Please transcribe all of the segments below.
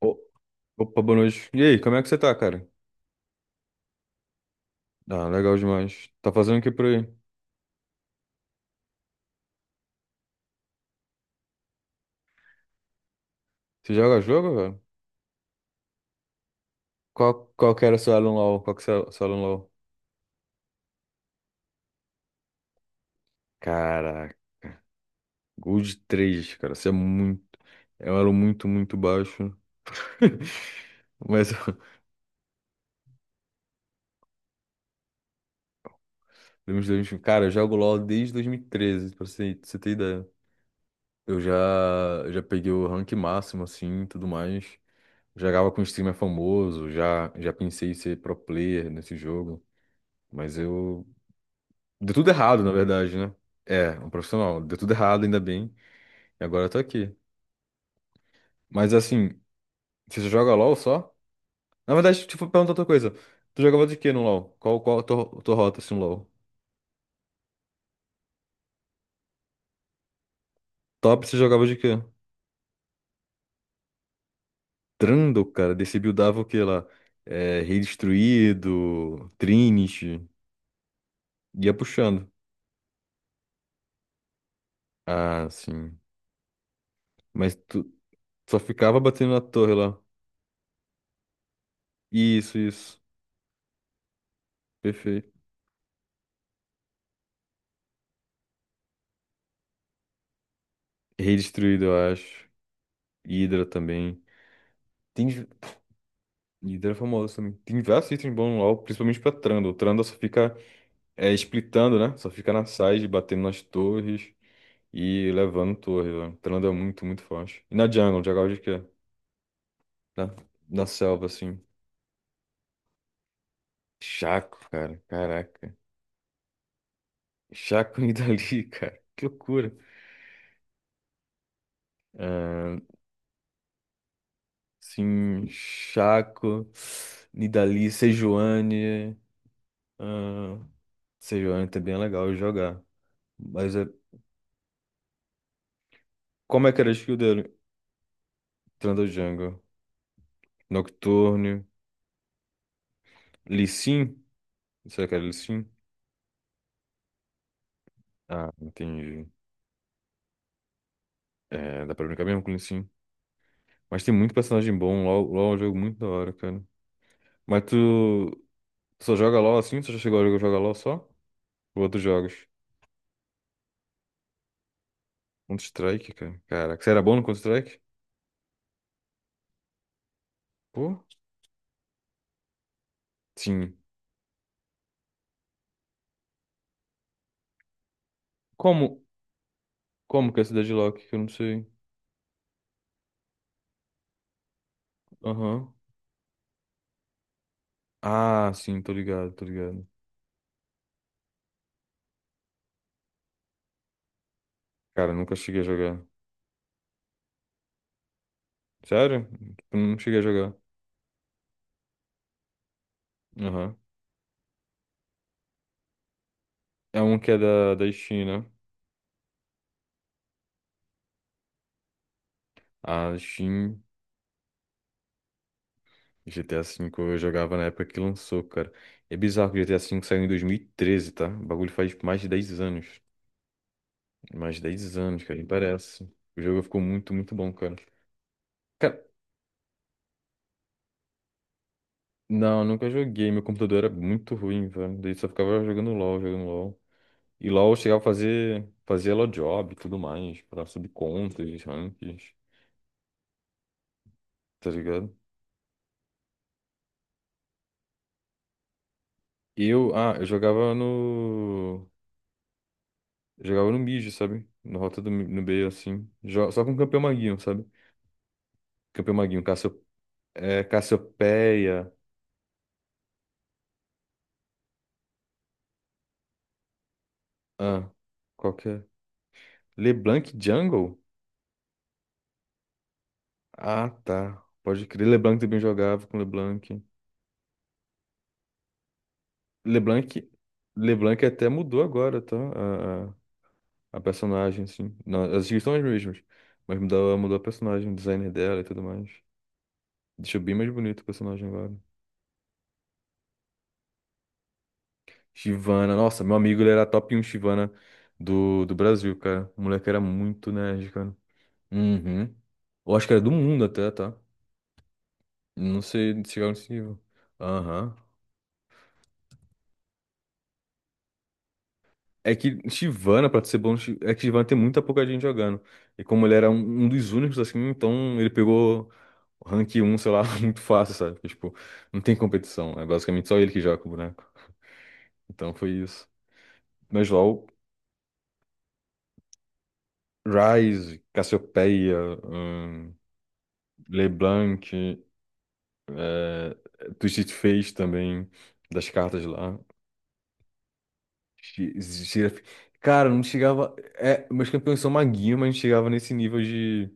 O- Opa, boa noite. E aí, como é que você tá, cara? Ah, legal demais. Tá fazendo o que por aí? Você joga jogo, velho? Qual que era o seu Alan LoL? Qual que é o seu Alan LoL? Caraca, Gold 3, cara. Você é muito... É um elo muito, muito baixo. Mas, eu- mil e vinte e um, cara, eu jogo LoL desde 2013, pra você ter ideia. Eu já, eu já peguei o rank máximo, assim, e tudo mais. Jogava com um streamer famoso, já pensei em ser pro player nesse jogo. Mas eu Deu tudo errado, na verdade, né? É, um profissional. Deu tudo errado, ainda bem. E agora eu tô aqui. Mas assim, você só joga LOL só? Na verdade, tipo, perguntar outra coisa. Tu jogava de quê no LOL? Qual a tua rota, assim, no LOL? Top, você jogava de quê? Trundle, cara. Desse buildava o quê lá? É, Rei Destruído, Trinity. Ia puxando. Ah, sim. Mas tu só ficava batendo na torre lá. Isso, isso. Perfeito. Rei Destruído, eu acho. Hydra também. Tem. Líder é famoso também. Tem vários itens bons no LoL, principalmente pra Trundle. Trundle só fica é, splitando, né? Só fica na side, batendo nas torres e levando torres, velho. Trundle é muito, muito forte. E na jungle, jungle de quê? Na, na selva, assim. Chaco, cara. Caraca. Chaco e Nidalee, cara. Que loucura. Ah, sim, Chaco, Nidalee, Sejuani. Ah, Sejuani também é legal de jogar. Mas é... como é que era a skill dele? Trundle Jungle. Nocturne. Lissin? Será que era Lissin? Ah, entendi. É, dá pra brincar mesmo com o Lissin. Mas tem muito personagem bom. LOL é um jogo muito da hora, cara. Mas tu, tu só joga LOL assim? Tu já chegou a jogar LOL só? Ou outros jogos? Counter-Strike, cara. Caraca, você era bom no Counter-Strike? Pô, sim. Como? Como que é a cidade de Loki? Que eu não sei. Aham. Ah, sim, tô ligado, tô ligado. Cara, nunca cheguei a jogar. Sério? Eu não cheguei a jogar. Aham. É um que é da Steam, né? A Steam. GTA V eu jogava na época que lançou, cara. É bizarro que o GTA V saiu em 2013, tá? O bagulho faz mais de 10 anos. Mais de 10 anos, cara, nem parece. O jogo ficou muito, muito bom, cara. Cara, não, nunca joguei. Meu computador era muito ruim, velho. Daí só ficava jogando LOL, jogando LOL. E LOL eu chegava a fazer LOL job e tudo mais, pra subir contas, ranks, tá ligado? Eu, ah, eu jogava no. Jogava no mid, sabe? Na rota do, no B, assim. Só com o campeão maguinho, sabe? Campeão Maguinho, Cassio... é, Cassiopeia. Ah, qual que é? LeBlanc Jungle? Ah, tá. Pode crer. LeBlanc também jogava com LeBlanc. LeBlanc, LeBlanc até mudou agora, tá? A personagem, assim. Não, as skills são as mesmas. Mas mudou a personagem, o designer dela e tudo mais. Deixou bem mais bonito o personagem agora. Shyvana, nossa, meu amigo, ele era top um Shyvana do Brasil, cara. O moleque era muito nerd, cara. Uhum. Eu acho que era do mundo até, tá? Não sei chegar nesse nível. Aham. É que Chivana, pra ser bom, é que Chivana tem muita pouca gente jogando. E como ele era um dos únicos assim, então ele pegou o rank um sei lá, muito fácil, sabe? Porque, tipo, não tem competição. É basicamente só ele que joga com o boneco. Então foi isso. Mas LOL, Ryze, Cassiopeia, hum, LeBlanc, é, Twisted Fate também, das cartas lá. Giraf... Cara, não chegava. É, meus campeões são maguinhos, mas não chegava nesse nível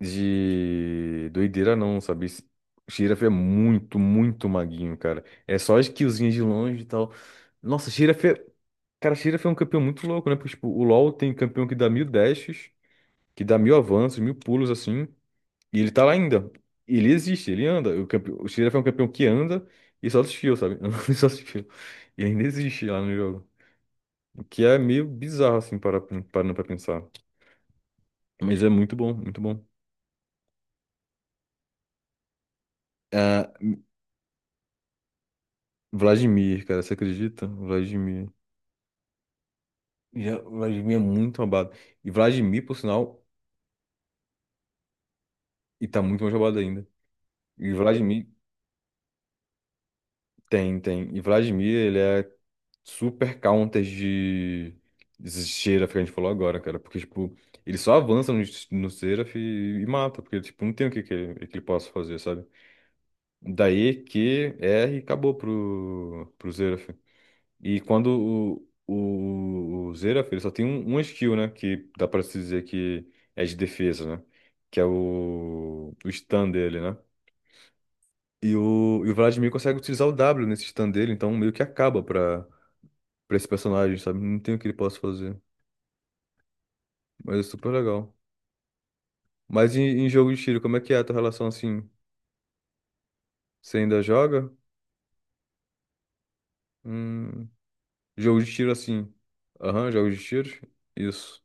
de doideira, não, sabe? Esse- Giraf é muito, muito maguinho, cara. É só as killzinhas de longe e tal. Nossa, Giraf é. Cara, Giraf é um campeão muito louco, né? Porque, tipo, o LoL tem campeão que dá mil dashes, que dá mil avanços, mil pulos, assim. E ele tá lá ainda. E ele existe, ele anda. O, campe... o Giraf é um campeão que anda e só desfio, sabe? Anda e só desfio. E ainda existe lá no jogo. O que é meio bizarro, assim, parando pra pensar. Mas é muito bom, muito bom. Ah, Vladimir, cara, você acredita? Vladimir. Já, Vladimir é muito roubado. E Vladimir, por sinal, e tá muito mais roubado ainda. E Vladimir, tem, tem. E Vladimir, ele é super counter de Seraph, que a gente falou agora, cara. Porque, tipo, ele só avança no Seraph e mata. Porque, tipo, não tem o que ele possa fazer, sabe? Daí, Q, R, e acabou pro, pro Seraph. E quando o Xerath, ele só tem um skill, né? Que dá pra se dizer que é de defesa, né? Que é o stun dele, né? E o Vladimir consegue utilizar o W nesse stun dele, então meio que acaba pra esse personagem, sabe? Não tem o que ele possa fazer. Mas é super legal. Mas em jogo de tiro, como é que é a tua relação assim? Você ainda joga? Hum, jogo de tiro assim. Aham, jogo de tiro? Isso.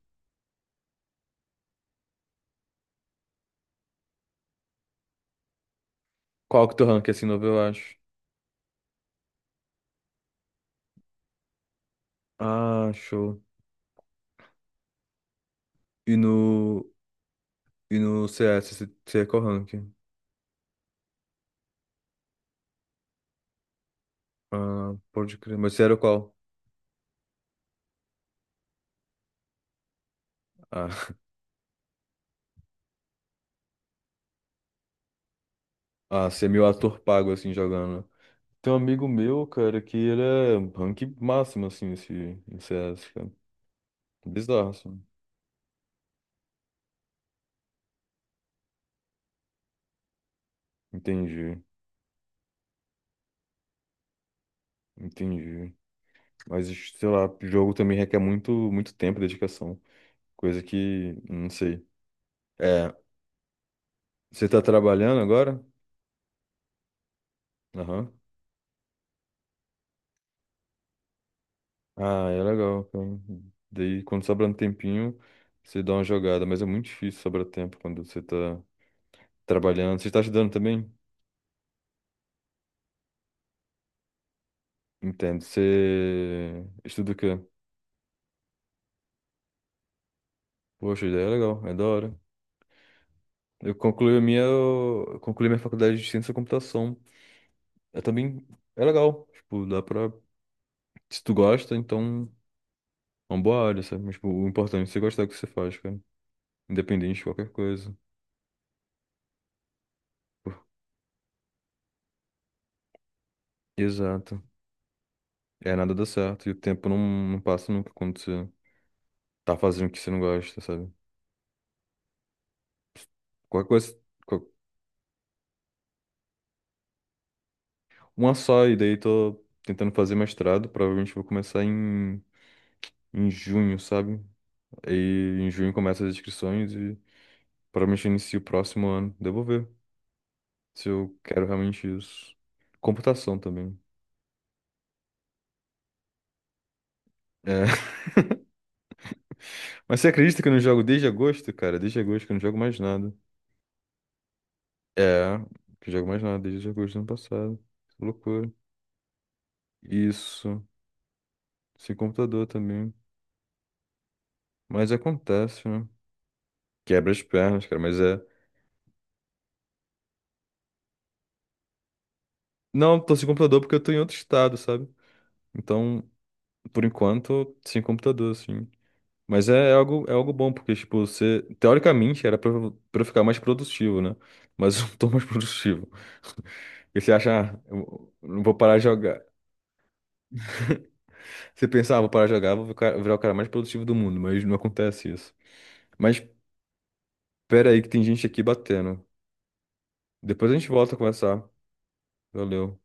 Qual que é o teu rank assim, novo, eu acho? Ah, show. E no. E no CS, você é qual rank? Ah, pode crer. Mas você era qual? Ah, você é meio ator pago, assim, jogando. Tem um amigo meu, cara, que ele é rank máximo, assim, esse, em CS, cara. Bizarro, assim. Entendi, entendi. Mas, sei lá, jogo também requer muito, muito tempo e dedicação. Coisa que, não sei. É, você tá trabalhando agora? Aham. Ah, é legal, cara. Daí, quando sobra um tempinho, você dá uma jogada. Mas é muito difícil sobrar tempo quando você tá trabalhando. Você está estudando também? Entendo. Você estuda o quê? Poxa, ideia é legal, é da hora. Eu concluí minha faculdade de ciência da computação. É também, é legal. Tipo, dá pra, se tu gosta, então é uma boa área, sabe? Mas, tipo, o importante é você gostar do que você faz, cara. Independente de qualquer coisa. Pô, exato. É, nada dá certo. E o tempo não passa nunca quando você tá fazendo o que você não gosta, sabe? Qualquer coisa, qual- uma só, e daí tô tentando fazer mestrado. Provavelmente vou começar em junho, sabe? Aí em junho começa as inscrições e provavelmente eu inicio o próximo ano. Devo ver se eu quero realmente isso. Computação também. É. Mas você acredita que eu não jogo desde agosto, cara? Desde agosto que eu não jogo mais nada. É, que eu jogo mais nada desde agosto do ano passado. Que loucura. Isso. Sem computador também. Mas acontece, né? Quebra as pernas, cara, mas é. Não, tô sem computador porque eu tô em outro estado, sabe? Então, por enquanto, sem computador, assim. Mas é é algo bom, porque, tipo, você, teoricamente, era pra, pra eu ficar mais produtivo, né? Mas eu não tô mais produtivo. E você acha, ah, eu não vou parar de jogar. Você pensava, ah, vou parar de jogar, vou virar o cara mais produtivo do mundo, mas não acontece isso. Mas pera aí que tem gente aqui batendo. Depois a gente volta a conversar. Valeu.